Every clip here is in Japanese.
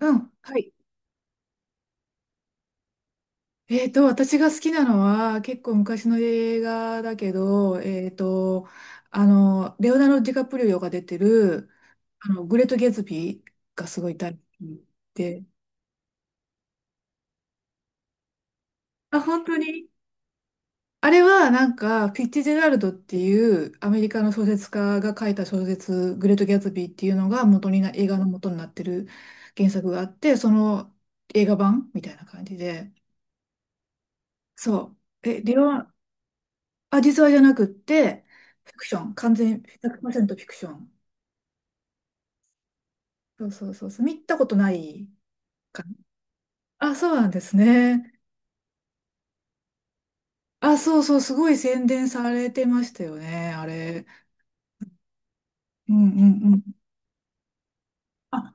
うん。はい。私が好きなのは、結構昔の映画だけど、レオナルド・ディカプリオが出てる、グレート・ゲツビーがすごい大好きで、あ、本当にあれは、なんか、フィッツジェラルドっていうアメリカの小説家が書いた小説、グレート・ギャツビーっていうのが元にな、映画の元になってる原作があって、その映画版みたいな感じで、そう。え、レオ、あ、実話じゃなくって、フィクション。完全100%フィクション。そうそうそうそう。見たことないかな。あ、そうなんですね。あ、そうそう。すごい宣伝されてましたよね。あれ。うんうんうん。あ、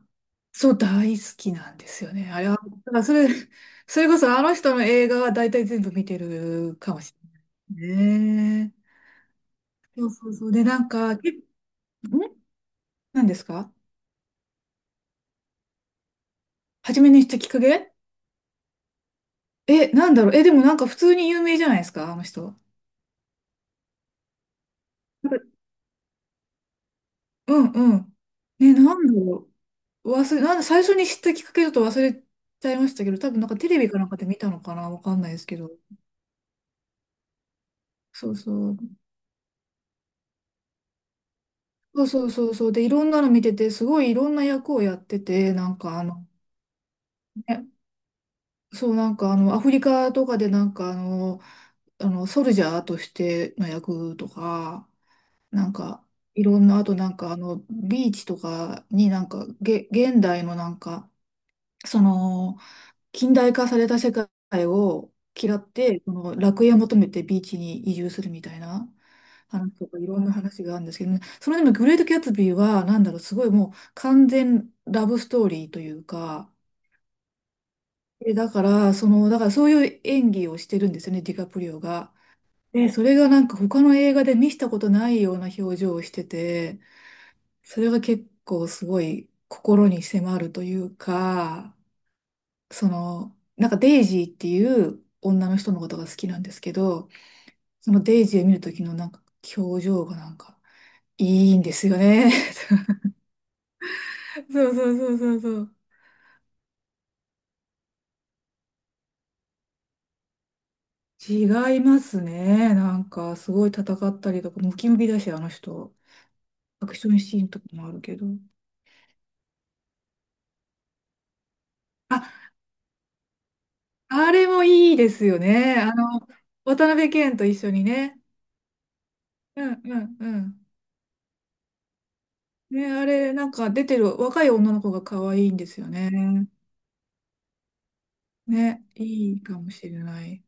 そう、大好きなんですよね。あれは、だからそれ、それこそあの人の映画は大体全部見てるかもしれないね。そうそうそう。で、なんか、ん何ですか？初めにしたきっかけ？なんだろう。でもなんか普通に有名じゃないですか、あの人。うんうん。ね、なんだろう。なんで最初に知ったきっかけだと忘れちゃいましたけど、多分なんかテレビかなんかで見たのかな、わかんないですけど。そうそう。そうそうそうそう。で、いろんなの見てて、すごいいろんな役をやってて、なんかあの、ね、そう、なんかあの、アフリカとかでなんかあの、ソルジャーとしての役とか、なんか、いろんな、あとなんかあの、ビーチとかになんか、現代のなんか、その、近代化された世界を嫌って、その楽園を求めてビーチに移住するみたいな話とかいろんな話があるんですけどね、それでもグレート・キャツビーはなんだろう、すごいもう完全ラブストーリーというか、で、だからそういう演技をしてるんですよね、ディカプリオが。で、それがなんか他の映画で見したことないような表情をしてて、それが結構すごい心に迫るというか、その、なんかデイジーっていう女の人のことが好きなんですけど、そのデイジーを見るときのなんか表情がなんかいいんですよね。そうそうそうそうそう。違いますね。なんかすごい戦ったりとか、ムキムキだし、あの人。アクションシーンとかもあるけど。あ、あれもいいですよね。渡辺謙と一緒にね。うんうんうん。ね、あれ、なんか出てる若い女の子が可愛いんですよね。ね、いいかもしれない。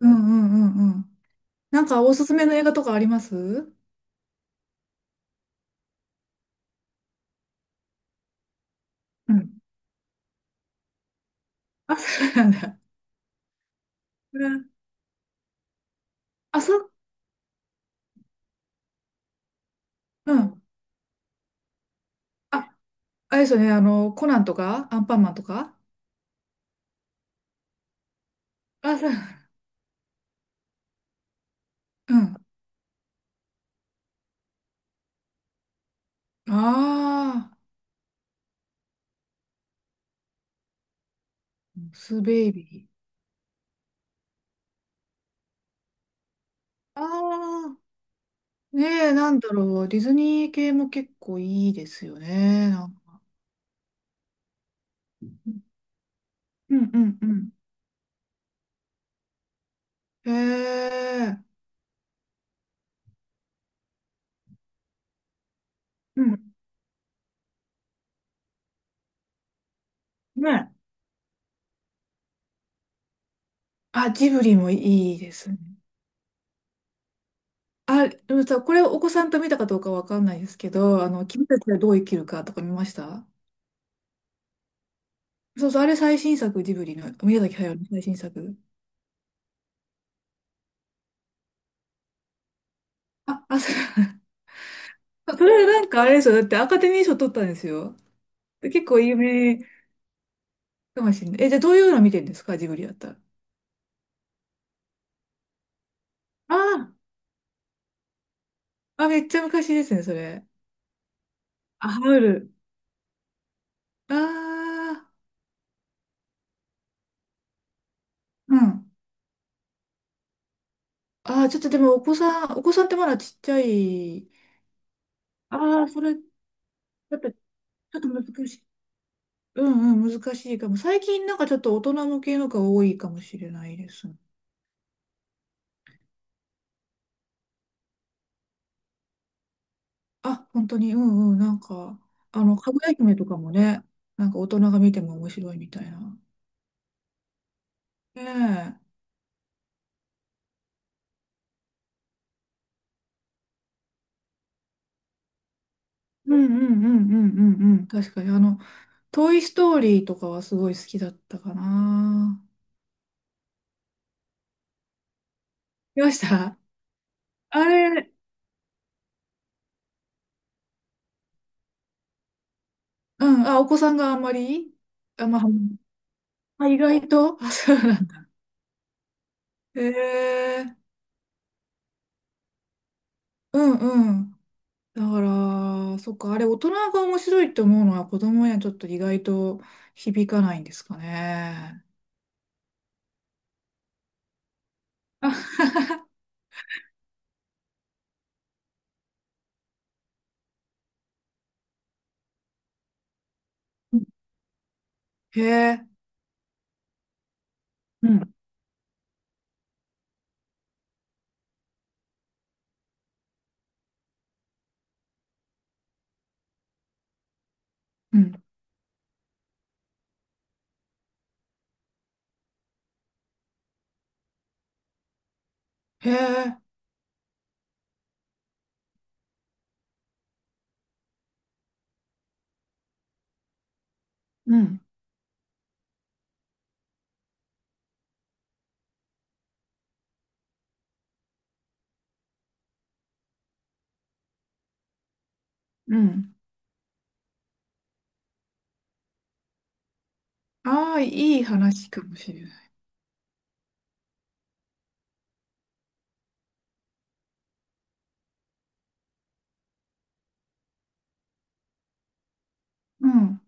うんうんうんうん。なんかおすすめの映画とかありますうん。あ、そうなんだ。うんあ、そう、うん。あ、あれですよね、コナンとか、アンパンマンとか。あ、そう、うん。ああ、スベイビー。ああ、ねえ、なんだろう、ディズニー系も結構いいですよね。なんかうんうんうん。へえ、うん。ね。あ、ジブリもいいですね。あ、でもさ、これお子さんと見たかどうかわかんないですけど、君たちはどう生きるかとか見ました？そうそう、あれ最新作、ジブリの、宮崎駿の最新作。あ、あ、それ、それなんかあれですよ。だってアカデミー賞取ったんですよ。で結構有名かもしれない。じゃあどういうの見てるんですか？ジブリだったら。ああ、あ、めっちゃ昔ですね、それ。あ、ハウル。ああ、うん。ああ、ちょっとでもお子さんってまだちっちゃい。ああ、それ、やっぱちょっと難しい。うんうん、難しいかも。最近なんかちょっと大人向けのが多いかもしれないです。あ、本当に、うんうん、なんか、あの、かぐや姫とかもね、なんか大人が見ても面白いみたいな。ねえ。うんうんうんうんうんうん。確かに、あの、トイ・ストーリーとかはすごい好きだったかな。見ました？あれ、うん、あ、お子さんがあんまり。あ、まあ、あ、意外と、あ、そうなんだ。えーうんうん。だから、そっか、あれ大人が面白いって思うのは子供にはちょっと意外と響かないんですかね。あへえ、うん、うん、へえ、うん、うん。ああ、いい話かもしれない。うん、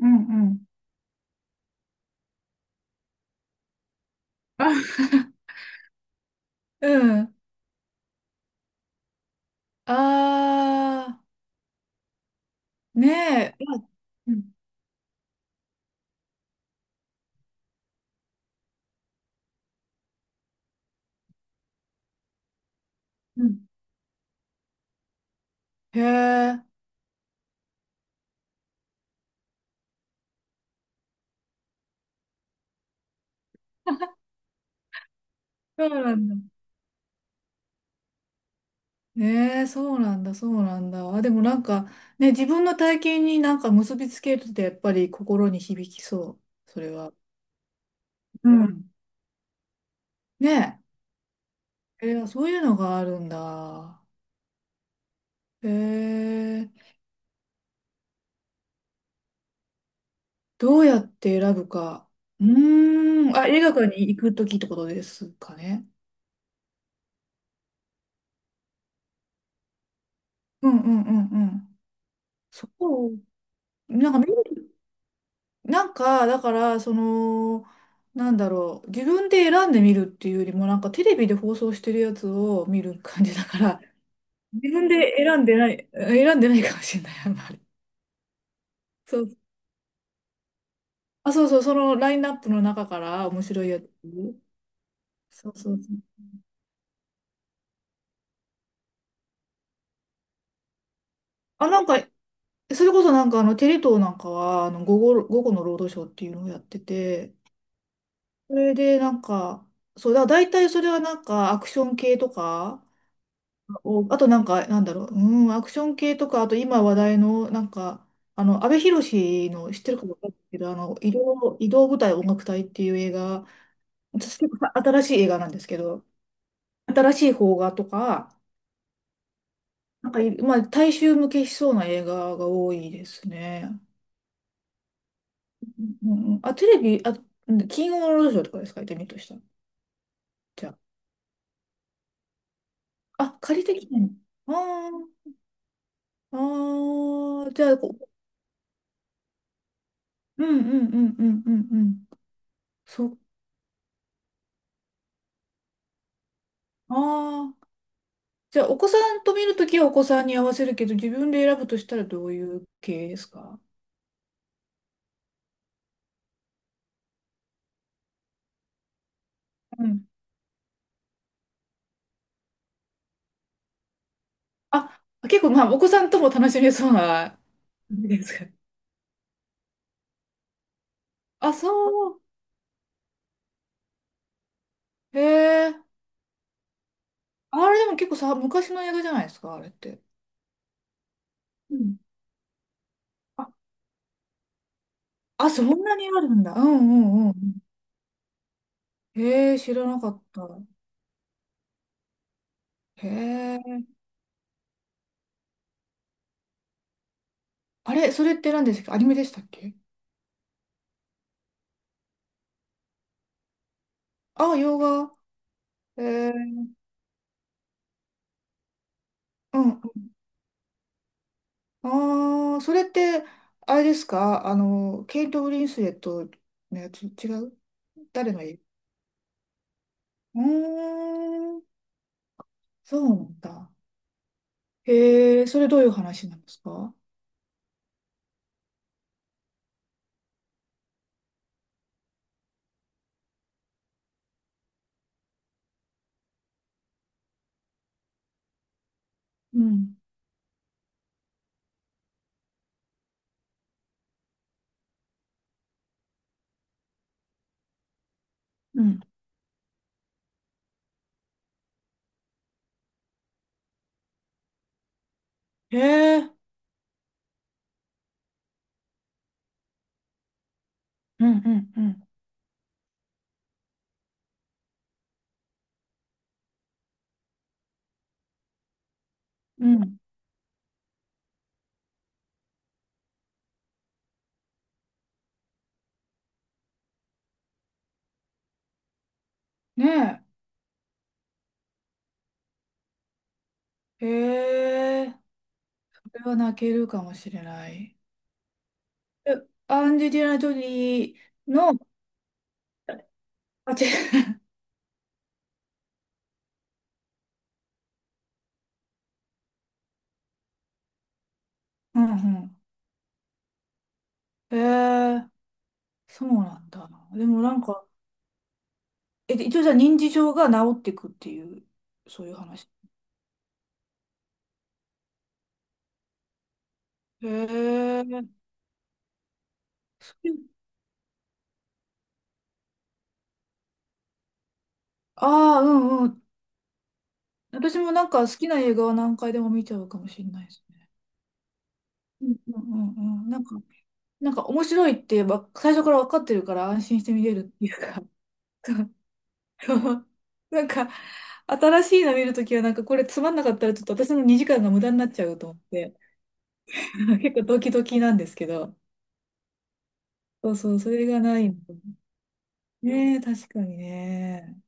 うん、うん。あ、うん。ああ、ねえ。あうん、うん。へえ、そうなんだ。ええそうなんだ、そうなんだ。あ、でもなんか、ね、自分の体験になんか結びつけるってやっぱり心に響きそう。それは。うん。ねえ、そういうのがあるんだ。ええどうやって選ぶか。うーん、あ、映画館に行くときってことですかね。うんうんうんうん。そう。なんか見る、なんか、だから、その、なんだろう、自分で選んでみるっていうよりも、なんかテレビで放送してるやつを見る感じだから、自分で選んでない、選んでないかもしれない、あんまり。そう。あ、そうそう、そのラインナップの中から面白いやつ。そうそうそう。あ、なんか、それこそなんかあの、テレ東なんかは、あの、午後の労働省っていうのをやってて、それでなんか、そう、だから大体それはなんかアクション系とか、おあとなんか、なんだろう、うん、アクション系とか、あと今話題の、なんか、あの、阿部寛の、知ってるか分かんないけど、あの、移動舞台音楽隊っていう映画、私結構新しい映画なんですけど、新しい邦画とか、なんかい、まあ、大衆向けしそうな映画が多いですね。うんうん、あ、テレビ、あ、うん金曜ロードショーとかですか、行ってみるとしたら。じゃあ、あ、借りてきてんああー、あーじゃあ、こうんうんうんうんうんうん。そっああー、じゃあ、お子さんと見るときはお子さんに合わせるけど、自分で選ぶとしたらどういう系ですか？うん。あ、結構、まあ、お子さんとも楽しめそうな、ですか。あ、そう。へえ。あれでも結構さ、昔の映画じゃないですか、あれって。うん。あ、あ、そんなにあるんだ。うんうんうん。へえ、知らなかった。へえ。あれ、それって何でしたっけ？アニメでしたっけ？あ、洋画。へえ。うん。ああ、それって、あれですか？あの、ケイト・ブリンスレットのやつ、違う？誰の絵？うーん、そうなんだ。へえ、それどういう話なんですか？うん。うん。へえ。うんうんうん。うん。ねえ。へえ。これは泣けるかもしれない。え、アンジェリーナ・ジョリーの、あ、違う。うんうん。へえ、そうなんだ。でもなんか、一応じゃあ認知症が治っていくっていう、そういう話。へえ。ああ、うんうん。私もなんか好きな映画は何回でも見ちゃうかもしれないですね。うんうんうんうん。なんか、なんか面白いってば、最初から分かってるから安心して見れるっていうか。なんか、新しいの見るときは、なんかこれつまんなかったら、ちょっと私の2時間が無駄になっちゃうと思って、結構ドキドキなんですけど、そうそう、それがないの。ねえ、確かにね。